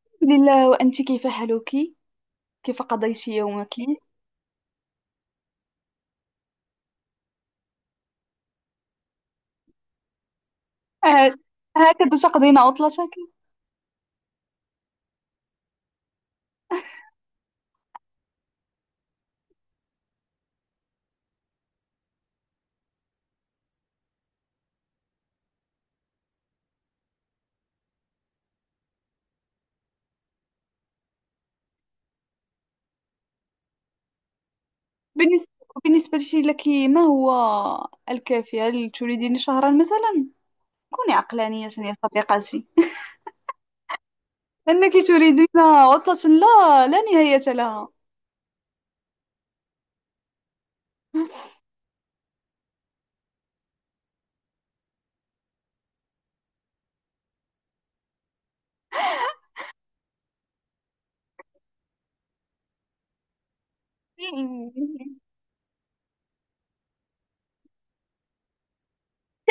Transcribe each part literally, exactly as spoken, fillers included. الحمد لله، وأنت كيف حالك؟ كيف قضيت يومك؟ آه، هكذا تقضين عطلتك؟ بالنسبة بالنسبة لك ما هو الكافي؟ هل تريدين شهرا مثلا؟ كوني عقلانية يا صديقتي أنك تريدين عطلة لا لا نهاية لها.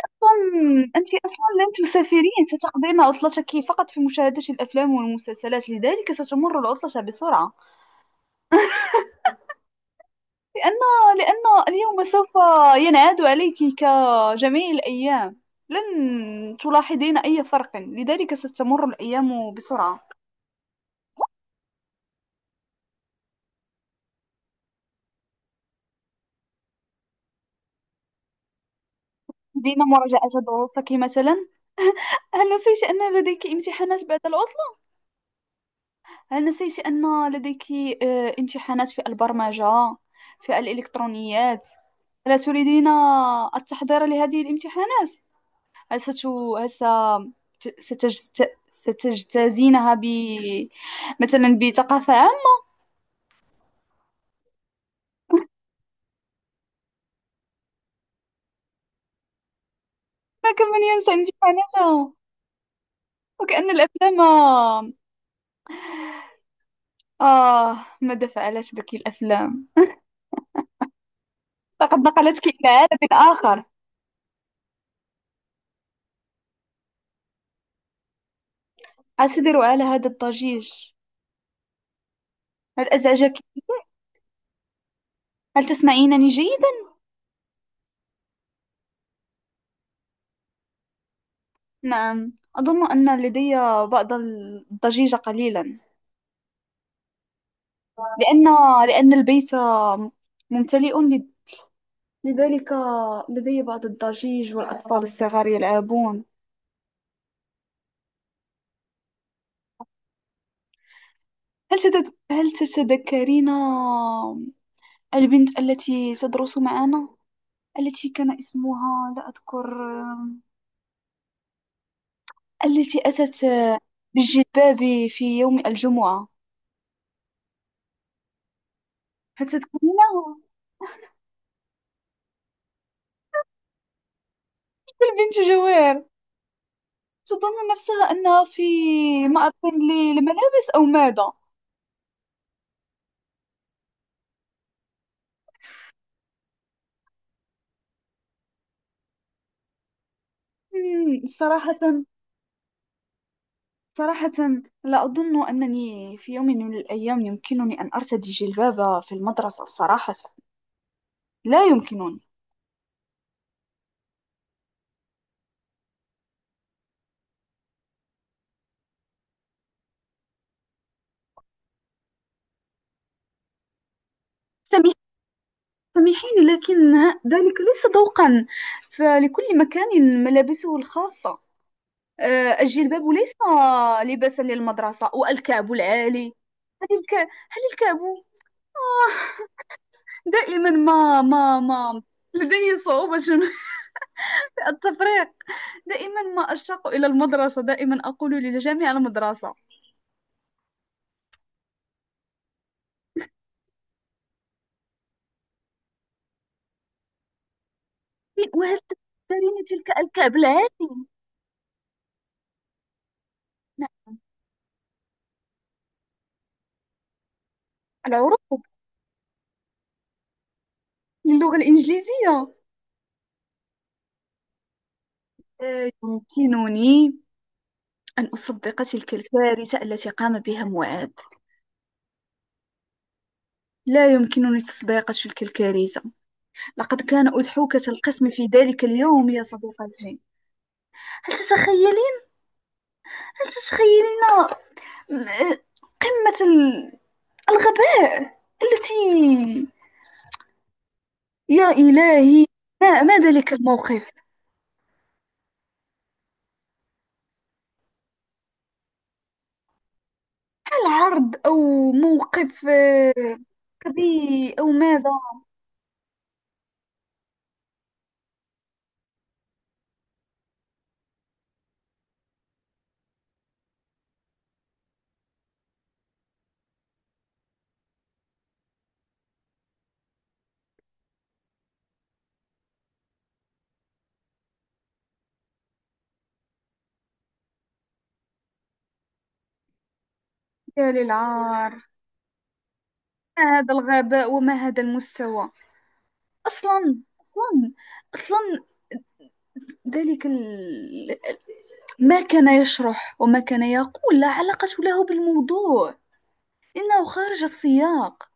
أصلاً أنت أصلا لن تسافرين، ستقضين عطلتك فقط في مشاهدة الأفلام والمسلسلات، لذلك ستمر العطلة بسرعة. لأن لأن اليوم سوف ينعاد عليك كجميع الأيام، لن تلاحظين أي فرق، لذلك ستمر الأيام بسرعة. دين مراجعة دروسك مثلا، هل نسيت أن لديك امتحانات بعد العطلة؟ هل نسيت أن لديك آه، امتحانات في البرمجة، في الإلكترونيات؟ ألا تريدين التحضير لهذه الامتحانات؟ هل ست... هل ست- ستجت... ستجتازينها ب... مثلا بثقافة ما كان من ينسى إن جفانته. وكأن الأفلام آه آه، ماذا فعلت بك الأفلام، لقد نقلتك إلى عالم آخر. هل تدير على هذا الضجيج، هل أزعجك؟ هل تسمعينني جيدا؟ نعم أظن أن لدي بعض الضجيج قليلا، لأن لأن البيت ممتلئ، لذلك لدي بعض الضجيج والأطفال الصغار يلعبون. هل تت... هل تتذكرين البنت التي تدرس معنا، التي كان اسمها لا أذكر، التي أتت بالجلباب في يوم الجمعة؟ هل تذكرينها؟ البنت جوير، تظن نفسها أنها في معرض للملابس أو ماذا؟ مم، صراحة، صراحة لا أظن أنني في يوم من الأيام يمكنني أن أرتدي جلباب في المدرسة. صراحة لا يمكنني. سمير سميحين، لكن ذلك ليس ذوقا، فلكل مكان ملابسه الخاصة. آه، الجلباب ليس لباسا للمدرسة، والكعب العالي. هل الك... هل الكعب آه، دائما ما ما ما لدي صعوبة في التفريق. دائما ما أشتاق إلى المدرسة، دائما أقول للجميع المدرسة. وهل تذكرين تلك الكعب العالي مع العروض للغة الإنجليزية؟ آه، يمكنني أن أصدق تلك الكارثة التي قام بها معاذ، لا يمكنني تصديق تلك الكارثة. لقد كان أضحوكة القسم في ذلك اليوم يا صديقتي. هل تتخيلين، هل تتخيلين م- قمة ال- الغباء التي، يا إلهي، ما ما ذلك الموقف. هل عرض أو موقف آه، قبيح أو ماذا؟ يا للعار. ما هذا الغباء وما هذا المستوى؟ أصلا أصلا أصلا ذلك ال... ما كان يشرح وما كان يقول لا علاقة له بالموضوع، إنه خارج السياق.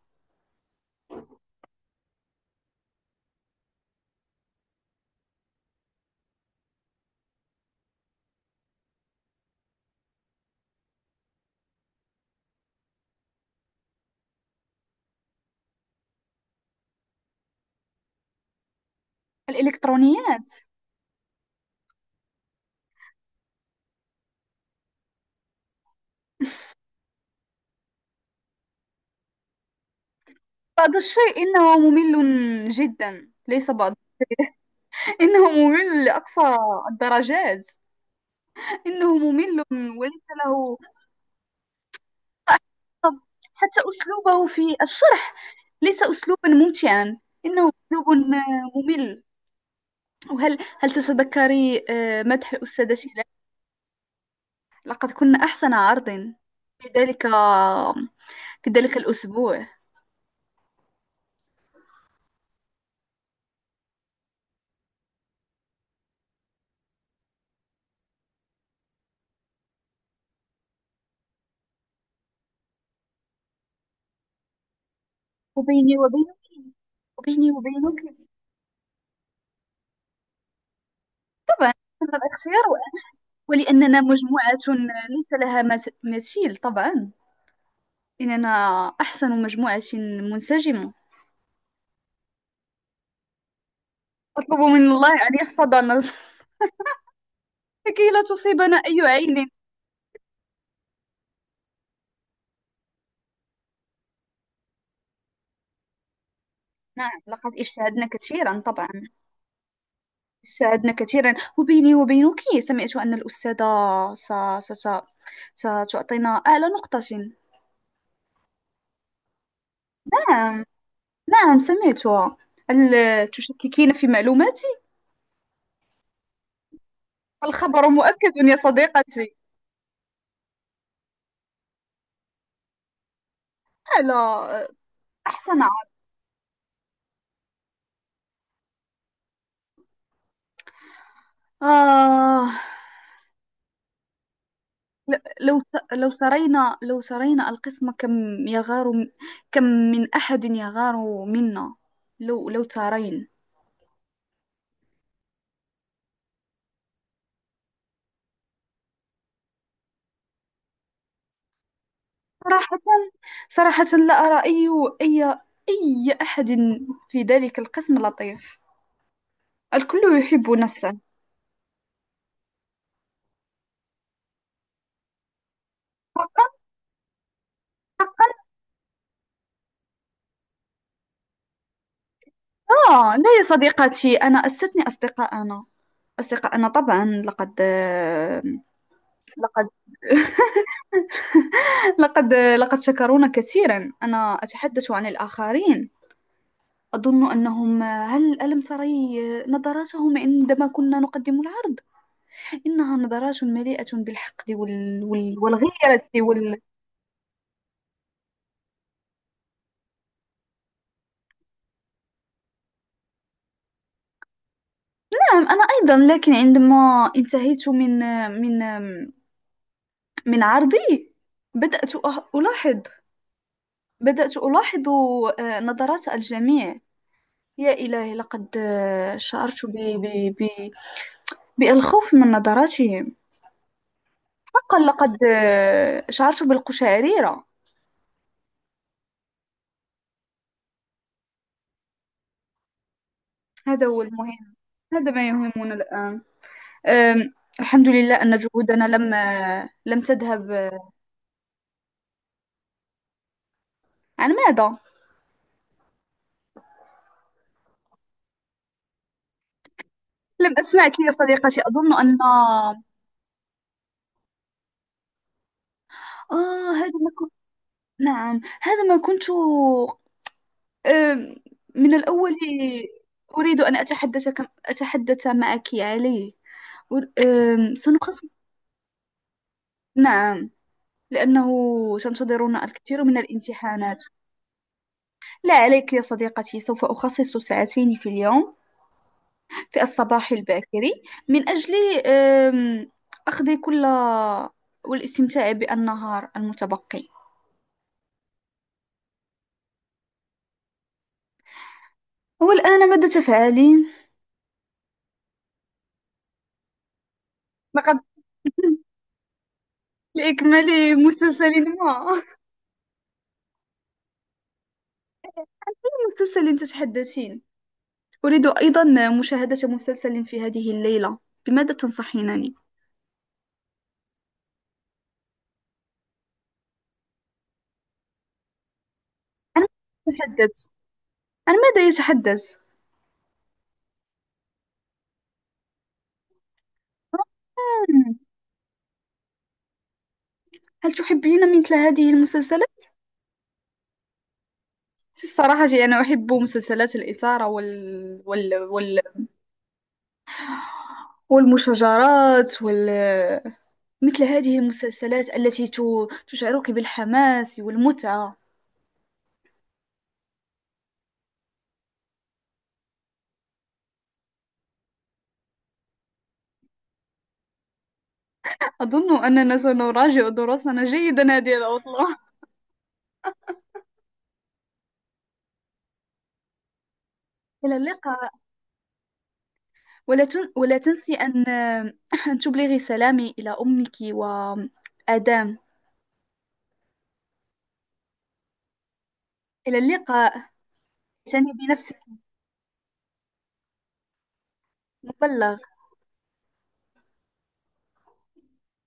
الإلكترونيات. بعض الشيء؟ إنه ممل جدا، ليس بعض. إنه ممل لأقصى الدرجات. إنه ممل وليس له. طب حتى أسلوبه في الشرح ليس أسلوبا ممتعا، إنه أسلوب ممل. وهل هل تتذكري آه، مدح الأستاذة شيلا؟ لقد كنا أحسن عرض في ذلك، في ذلك الأسبوع. وبيني وبينك وبيني وبينك، طبعا هذا الاختيار، ولأننا مجموعة ليس لها مت- مثيل. طبعا إننا أحسن مجموعة منسجمة. أطلب من الله أن يحفظنا لكي لا تصيبنا أي عين. نعم لقد اجتهدنا كثيرا، طبعا اجتهدنا كثيرا. وبيني وبينك، سمعت أن الأستاذة س... س... س... ستعطينا أعلى نقطة. نعم، نعم سمعتها. هل تشككين في معلوماتي؟ الخبر مؤكد يا صديقتي. آه، لا، أحسن. آه، ل- لو ت- لو سرينا لو سرينا القسم كم يغار م- كم من أحد يغار منا. لو لو ترين. صراحة، صراحة لا أرى أي أي أي أحد في ذلك القسم لطيف، الكل يحب نفسه. آه لا يا صديقتي، أنا أستثني أصدقاءنا. أصدقاءنا طبعا، لقد لقد لقد لقد شكرونا كثيرا. أنا أتحدث عن الآخرين. أظن أنهم، هل ألم تري نظراتهم عندما كنا نقدم العرض؟ إنها نظرات مليئة بالحقد وال... وال... والغيرة وال... نعم أنا أيضا، لكن عندما انتهيت من من من عرضي، بدأت أه- ألاحظ، بدأت ألاحظ آه، نظرات الجميع. يا إلهي، لقد آه، شعرت ب... ب... ب... بالخوف من نظراتهم. حقا لقد آه، شعرت بالقشعريرة. هذا هو المهم. هذا ما يهمنا الآن. آم، الحمد لله أن جهودنا لم آه، لم تذهب آه، عن ماذا؟ لم أسمعك يا صديقتي، أظن أن آه. هذا ما كنت، نعم هذا ما كنت، آم، من الأول أريد أن أتحدث، أتحدث معك عليه. أر- آم، سنخصص. نعم لأنه سنتظرنا الكثير من الامتحانات. لا عليك يا صديقتي، سوف أخصص ساعتين في اليوم، في الصباح الباكر، من أجل آم، أخذ كل، والاستمتاع بالنهار المتبقي. والآن ماذا تفعلين؟ لقد لإكمال مسلسل ما مسلسل تتحدثين. أريد أيضا مشاهدة مسلسل في هذه الليلة، بماذا تنصحينني؟ عن ماذا يتحدث؟ عن ماذا يتحدث؟ آه. هل تحبين مثل هذه المسلسلات؟ الصراحة جي، أنا أحب مسلسلات الإثارة وال... وال... وال... والمشاجرات وال... مثل هذه المسلسلات التي ت... تشعرك بالحماس والمتعة. أظن أننا سنراجع دروسنا جيدا هذه العطلة. إلى اللقاء. ولا, تن... ولا تنسي أن... أن تبلغي سلامي إلى أمك وآدام. إلى اللقاء، اعتني بنفسك. مبلغ.